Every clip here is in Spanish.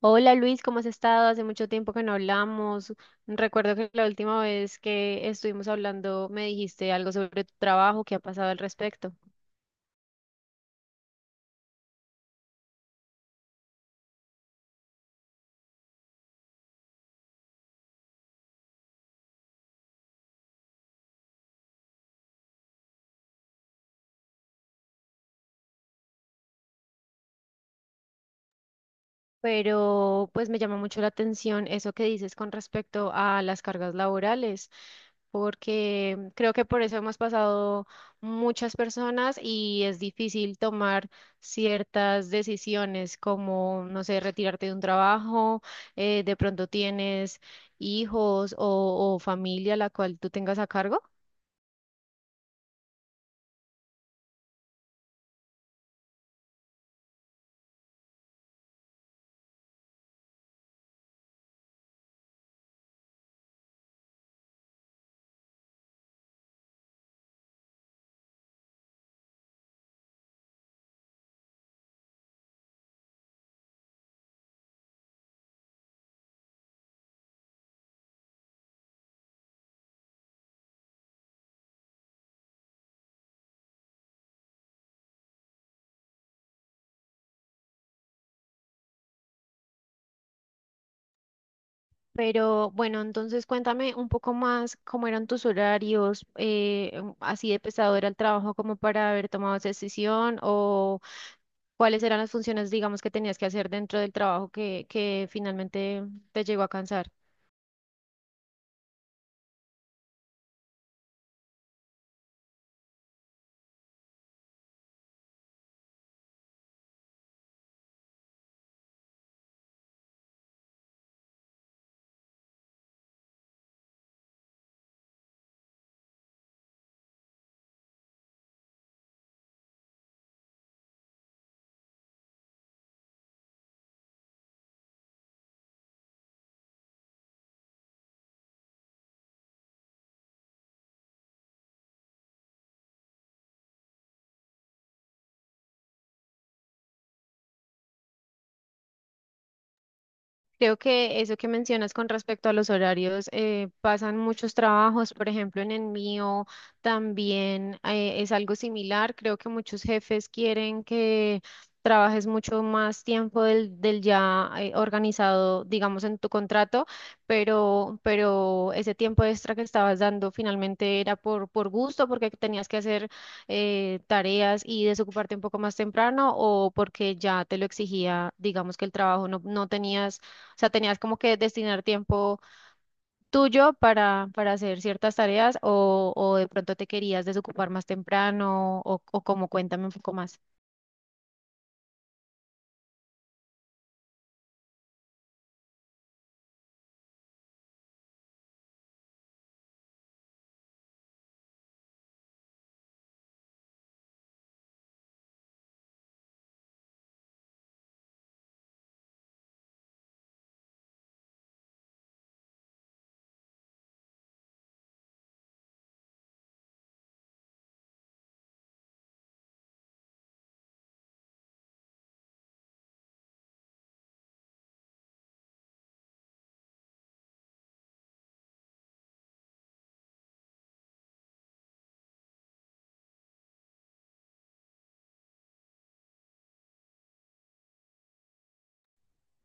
Hola Luis, ¿cómo has estado? Hace mucho tiempo que no hablamos. Recuerdo que la última vez que estuvimos hablando me dijiste algo sobre tu trabajo, ¿qué ha pasado al respecto? Pero pues me llama mucho la atención eso que dices con respecto a las cargas laborales, porque creo que por eso hemos pasado muchas personas y es difícil tomar ciertas decisiones como, no sé, retirarte de un trabajo, de pronto tienes hijos o familia la cual tú tengas a cargo. Pero bueno, entonces cuéntame un poco más cómo eran tus horarios, así de pesado era el trabajo como para haber tomado esa decisión o cuáles eran las funciones, digamos, que tenías que hacer dentro del trabajo que finalmente te llegó a cansar. Creo que eso que mencionas con respecto a los horarios, pasan muchos trabajos, por ejemplo, en el mío también es algo similar. Creo que muchos jefes quieren que trabajes mucho más tiempo del ya organizado, digamos, en tu contrato, pero ese tiempo extra que estabas dando finalmente era por gusto, porque tenías que hacer tareas y desocuparte un poco más temprano o porque ya te lo exigía, digamos, que el trabajo no tenías, o sea, tenías como que destinar tiempo tuyo para hacer ciertas tareas o de pronto te querías desocupar más temprano o como cuéntame un poco más.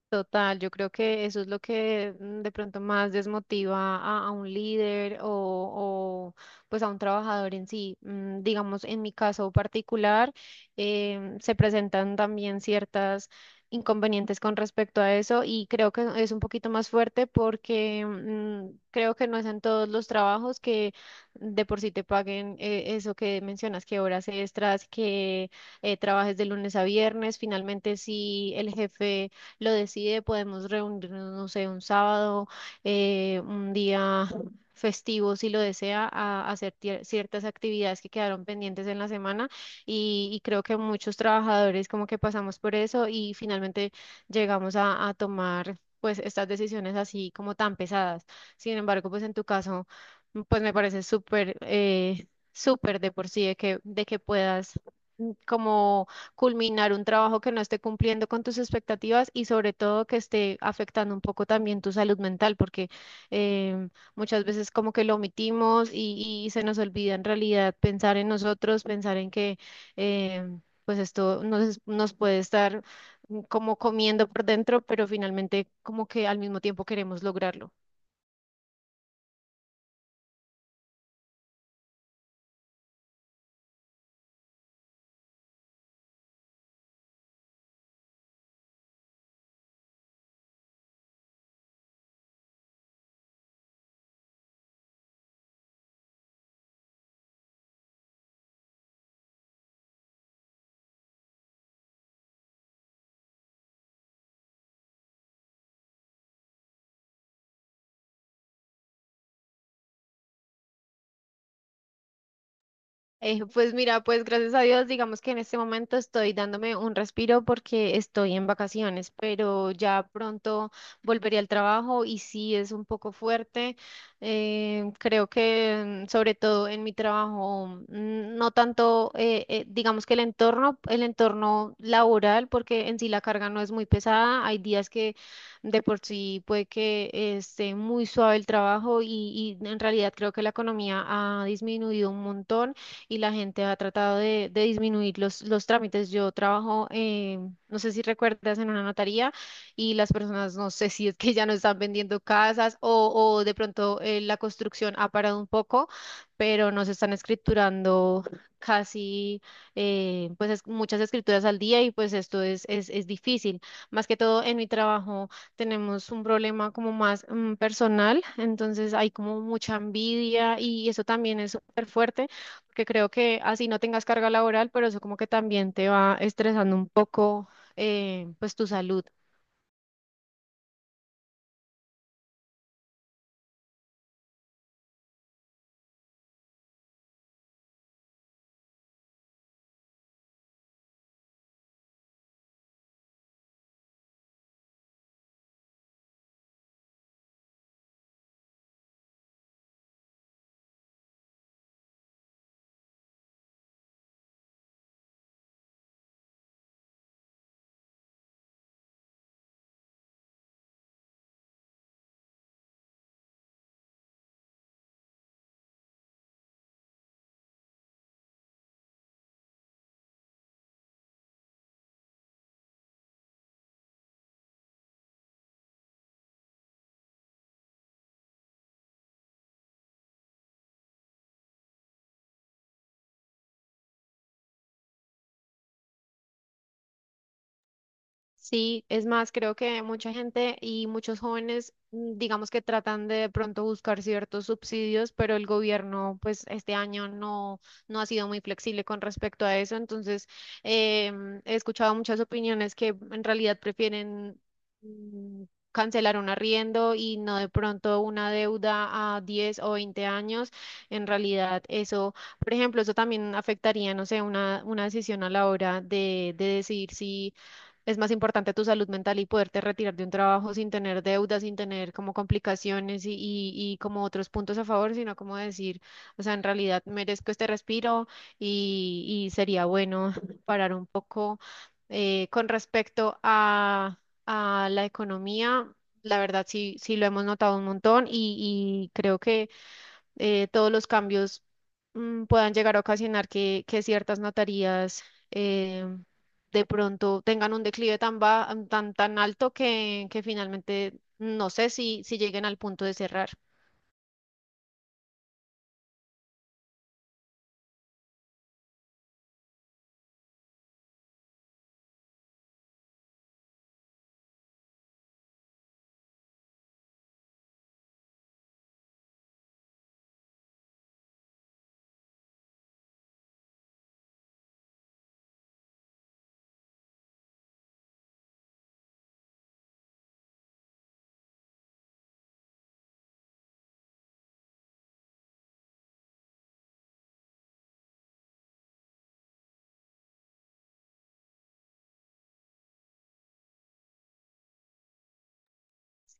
Total, yo creo que eso es lo que de pronto más desmotiva a un líder o, pues a un trabajador en sí. Digamos, en mi caso particular, se presentan también ciertas inconvenientes con respecto a eso y creo que es un poquito más fuerte porque creo que no es en todos los trabajos que de por sí te paguen, eso que mencionas, que horas extras, que trabajes de lunes a viernes. Finalmente, si el jefe lo decide, podemos reunirnos, no sé, un sábado, un día festivo, si lo desea, a hacer ciertas actividades que quedaron pendientes en la semana y creo que muchos trabajadores como que pasamos por eso y finalmente llegamos a tomar pues estas decisiones así como tan pesadas. Sin embargo, pues en tu caso, pues me parece súper, súper de por sí de de que puedas, como culminar un trabajo que no esté cumpliendo con tus expectativas y sobre todo que esté afectando un poco también tu salud mental, porque muchas veces como que lo omitimos y se nos olvida en realidad pensar en nosotros, pensar en que pues esto nos puede estar, como comiendo por dentro, pero finalmente como que al mismo tiempo queremos lograrlo. Pues mira, pues gracias a Dios, digamos que en este momento estoy dándome un respiro porque estoy en vacaciones, pero ya pronto volveré al trabajo y sí es un poco fuerte. Creo que sobre todo en mi trabajo, no tanto, digamos que el entorno laboral, porque en sí la carga no es muy pesada. Hay días que de por sí puede que esté muy suave el trabajo y en realidad creo que la economía ha disminuido un montón y la gente ha tratado de disminuir los trámites. Yo trabajo, no sé si recuerdas, en una notaría y las personas, no sé si es que ya no están vendiendo casas o de pronto la construcción ha parado un poco, pero no se están escriturando casi, pues muchas escrituras al día y pues esto es difícil. Más que todo en mi trabajo tenemos un problema como más, personal, entonces hay como mucha envidia y eso también es súper fuerte porque creo que así no tengas carga laboral, pero eso como que también te va estresando un poco, pues tu salud. Sí, es más, creo que mucha gente y muchos jóvenes, digamos que tratan de pronto buscar ciertos subsidios, pero el gobierno, pues este año no ha sido muy flexible con respecto a eso. Entonces, he escuchado muchas opiniones que en realidad prefieren, mm, cancelar un arriendo y no de pronto una deuda a 10 o 20 años. En realidad, eso... Por ejemplo, eso también afectaría, no sé, una decisión a la hora de decidir si es más importante tu salud mental y poderte retirar de un trabajo sin tener deudas, sin tener como complicaciones y como otros puntos a favor, sino como decir, o sea, en realidad merezco este respiro y sería bueno parar un poco, con respecto a la economía. La verdad sí, sí lo hemos notado un montón y creo que todos los cambios puedan llegar a ocasionar que ciertas notarías eh, de pronto tengan un declive tan, ba- mm, tan, tan alto que finalmente no sé si, si lleguen al punto de cerrar.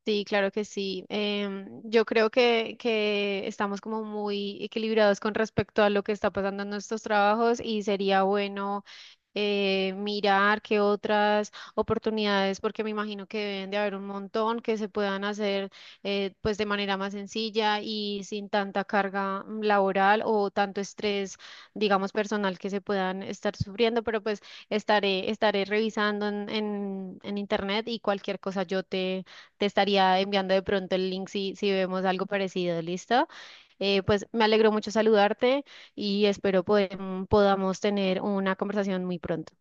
Sí, claro que sí. Yo creo que estamos como muy equilibrados con respecto a lo que está pasando en nuestros trabajos y sería bueno, mirar qué otras oportunidades, porque me imagino que deben de haber un montón que se puedan hacer, pues de manera más sencilla y sin tanta carga, laboral o tanto estrés, digamos, personal que se puedan estar sufriendo, pero pues estaré revisando en, en internet y cualquier cosa yo te, te estaría enviando de pronto el link si vemos algo parecido, ¿listo? Pues me alegró mucho saludarte y espero podamos tener una conversación muy pronto.